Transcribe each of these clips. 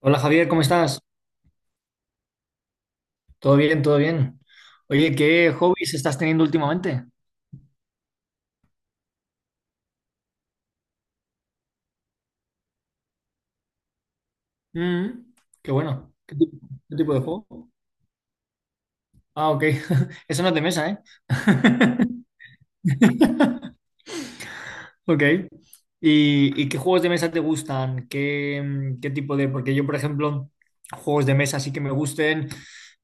Hola Javier, ¿cómo estás? ¿Todo bien? ¿Todo bien? Oye, ¿qué hobbies estás teniendo últimamente? Mm, qué bueno. Qué tipo de juego? Ah, ok. Eso no es de mesa, ¿eh? Ok. ¿Y qué juegos de mesa te gustan? ¿Qué, qué tipo de...? Porque yo, por ejemplo, juegos de mesa sí que me gusten.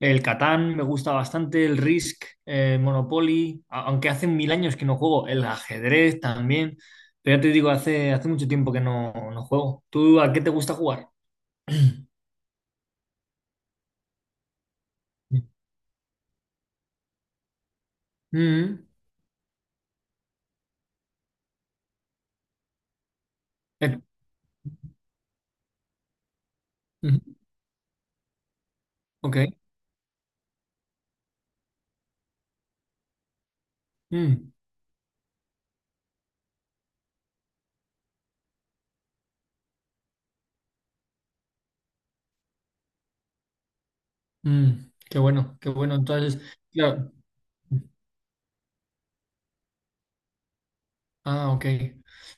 El Catán me gusta bastante, el Risk, el Monopoly, aunque hace 1000 años que no juego. El ajedrez también. Pero ya te digo, hace mucho tiempo que no juego. ¿Tú a qué te gusta jugar? Mm, eh, mm, ok. Mm, mm, qué bueno, qué bueno. Entonces, claro. Ah, ok.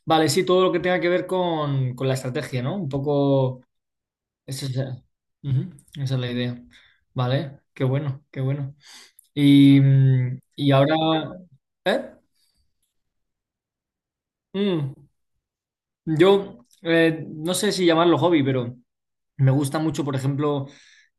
Vale, sí, todo lo que tenga que ver con la estrategia, ¿no? Un poco... Esa es, la- Ujú, esa es la idea. Vale, qué bueno, qué bueno. Y y ahora... ¿Eh? Mm, yo no sé si llamarlo hobby, pero... Me gusta mucho, por ejemplo,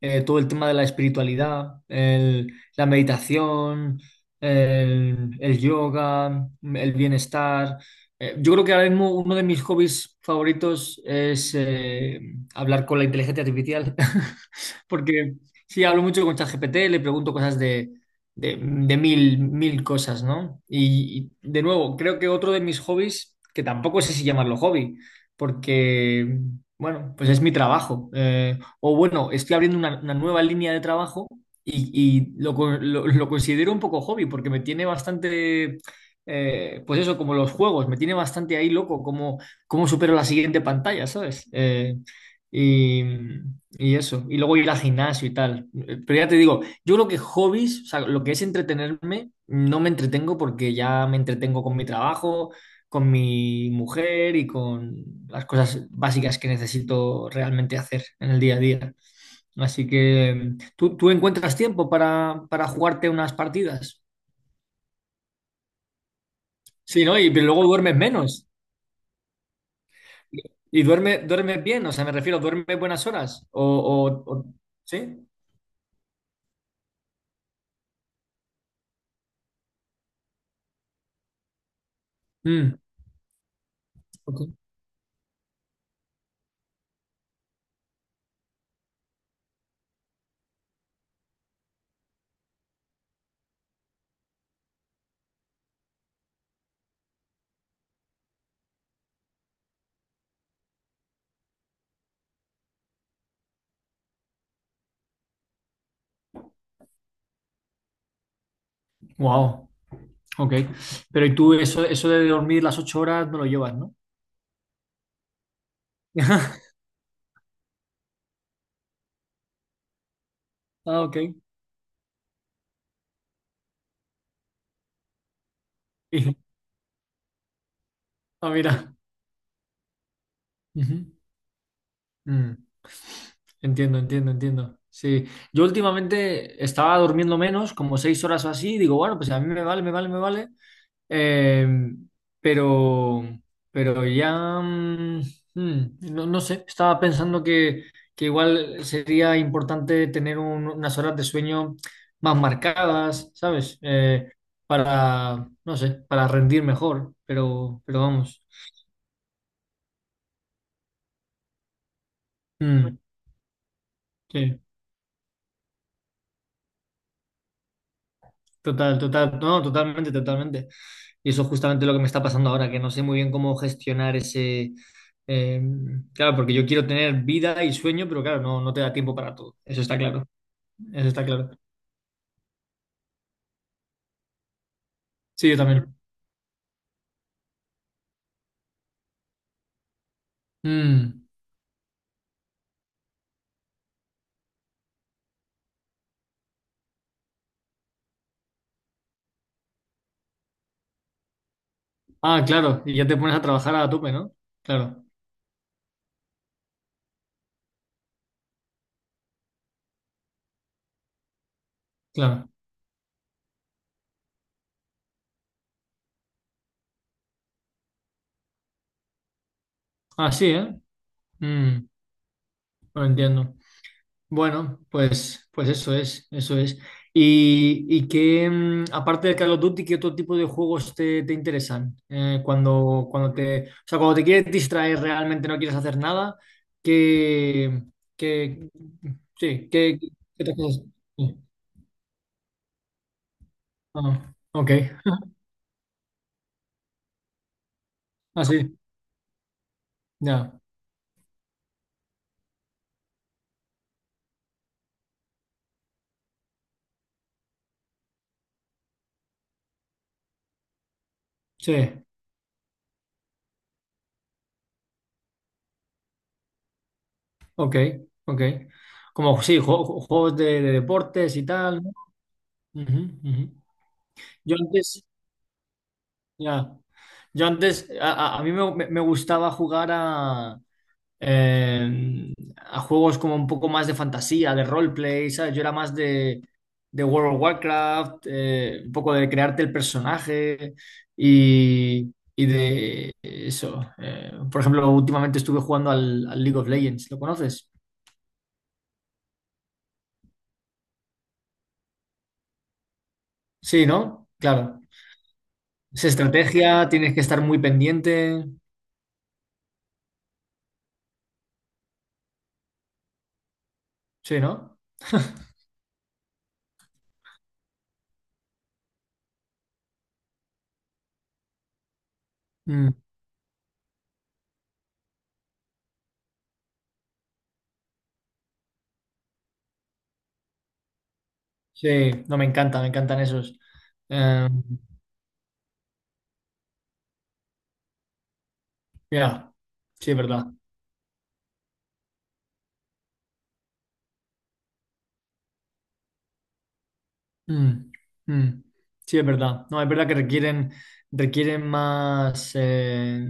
todo el tema de la espiritualidad, la meditación, el yoga, el bienestar. Yo creo que ahora mismo uno de mis hobbies favoritos es hablar con la inteligencia artificial, porque sí, hablo mucho con ChatGPT, le pregunto cosas de mil, mil cosas, ¿no? De nuevo, creo que otro de mis hobbies, que tampoco sé si llamarlo hobby, porque bueno, pues es mi trabajo. O bueno, estoy abriendo una nueva línea de trabajo y lo considero un poco hobby porque me tiene bastante, pues eso, como los juegos, me tiene bastante ahí loco, como cómo supero la siguiente pantalla, ¿sabes? Y, y eso, y luego ir al gimnasio y tal. Pero ya te digo, yo creo que hobbies, o sea, lo que es entretenerme, no me entretengo porque ya me entretengo con mi trabajo con mi mujer y con las cosas básicas que necesito realmente hacer en el día a día. Así que, ¿tú encuentras tiempo para jugarte unas partidas? Sí, ¿no? Y luego duermes menos. ¿Y duermes bien? O sea, me refiero, ¿duermes buenas horas? O- o- ¿sí? Mm, ok. Wow, ok. Pero ¿y tú eso, eso de dormir las 8 horas no lo llevas, ¿no? Ah, ok. Ah, mira. Ujú. Mm. Entiendo, entiendo, entiendo. Sí, yo últimamente estaba durmiendo menos, como 6 horas o así, y digo, bueno, pues a mí me vale, me vale, me vale. Eh, pero, pero ya, no, no sé, estaba pensando que igual sería importante tener unas horas de sueño más marcadas, ¿sabes? Para, no sé, para rendir mejor, pero vamos. Mm, sí. Total, total, no, totalmente, totalmente. Y eso es justamente lo que me está pasando ahora, que no sé muy bien cómo gestionar ese... eh, claro, porque yo quiero tener vida y sueño, pero claro, no, no te da tiempo para todo. Eso está claro, eso está claro. Sí, yo también. Mm. Ah, claro, y ya te pones a trabajar a tope, ¿no? Claro, claro. Ah, sí, ¿eh? Mm, no entiendo. Bueno, pues, pues eso es, eso es. ¿Y qué, aparte de Call of Duty, qué otro tipo de juegos te, te interesan? Cuando te, o sea, cuando te quieres distraer realmente, no quieres hacer nada, ¿qué, qué, sí, qué, qué te haces? Sí. Ah, ok, así, ya, sí, ok, ok. Como, sí, juegos de deportes y tal, ¿no? Ujú, ujú. Yo antes, ya. Yo antes, a mí me gustaba jugar a juegos como un poco más de fantasía, de roleplay, ¿sabes? Yo era más de World of Warcraft, un poco de crearte el personaje y de eso. Por ejemplo, últimamente estuve jugando al, al League of Legends, ¿lo conoces? Sí, ¿no? Claro. Es estrategia, tienes que estar muy pendiente, sí, ¿no? Mm. Sí, no me encanta, me encantan esos. Eh, mira, sí, es verdad. Mm, mm. Sí, es verdad. No, es verdad que requieren, requieren más,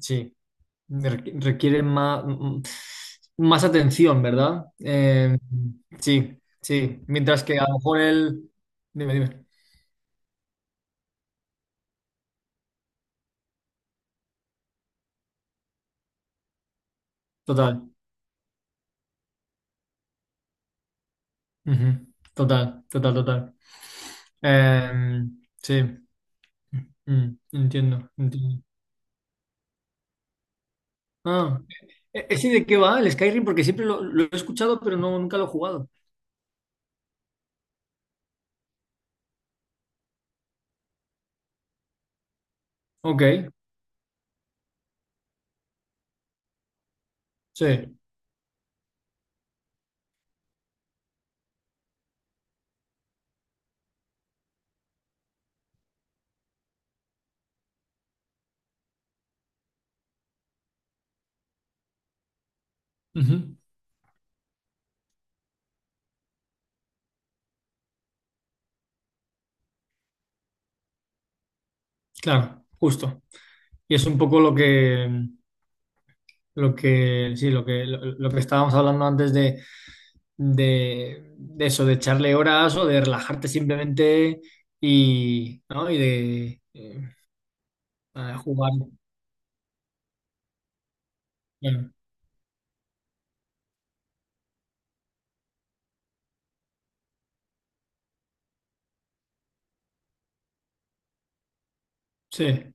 sí, requieren más, más atención, ¿verdad? Sí, sí. Mientras que a lo mejor el... Dime, dime. Total. Ujú. Total, total, total. Eh, sí, entiendo, entiendo. Ah, ¿ese de qué va el Skyrim? Porque siempre lo he escuchado, pero no, nunca lo he jugado. Ok, sí, ujú, claro, justo. Y es un poco lo que, sí, lo que estábamos hablando antes de eso, de echarle horas o de relajarte simplemente ¿no? Y de a jugar. Bueno, sí,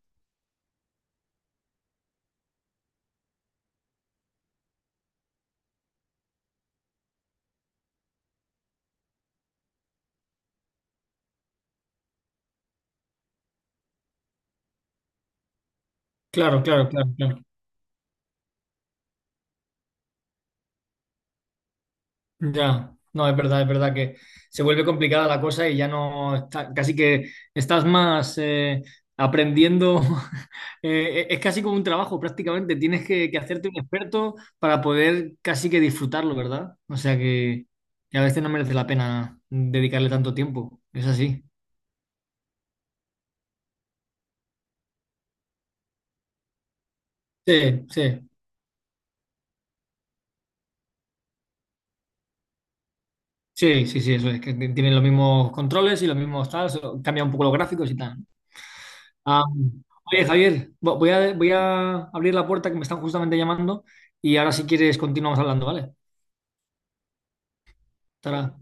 claro, claro, claro, claro. Ya, no, es verdad que se vuelve complicada la cosa y ya no está, casi que estás más aprendiendo, es casi como un trabajo prácticamente, tienes que hacerte un experto para poder casi que disfrutarlo, ¿verdad? O sea que a veces no merece la pena dedicarle tanto tiempo, es así. Sí, sí, sí, sí, sí, eso es, que tienen los mismos controles y los mismos tal, solo cambia un poco los gráficos y tal. Ah, oye, Javier, voy a, voy a abrir la puerta que me están justamente llamando y ahora si quieres continuamos hablando, ¿vale? Tara.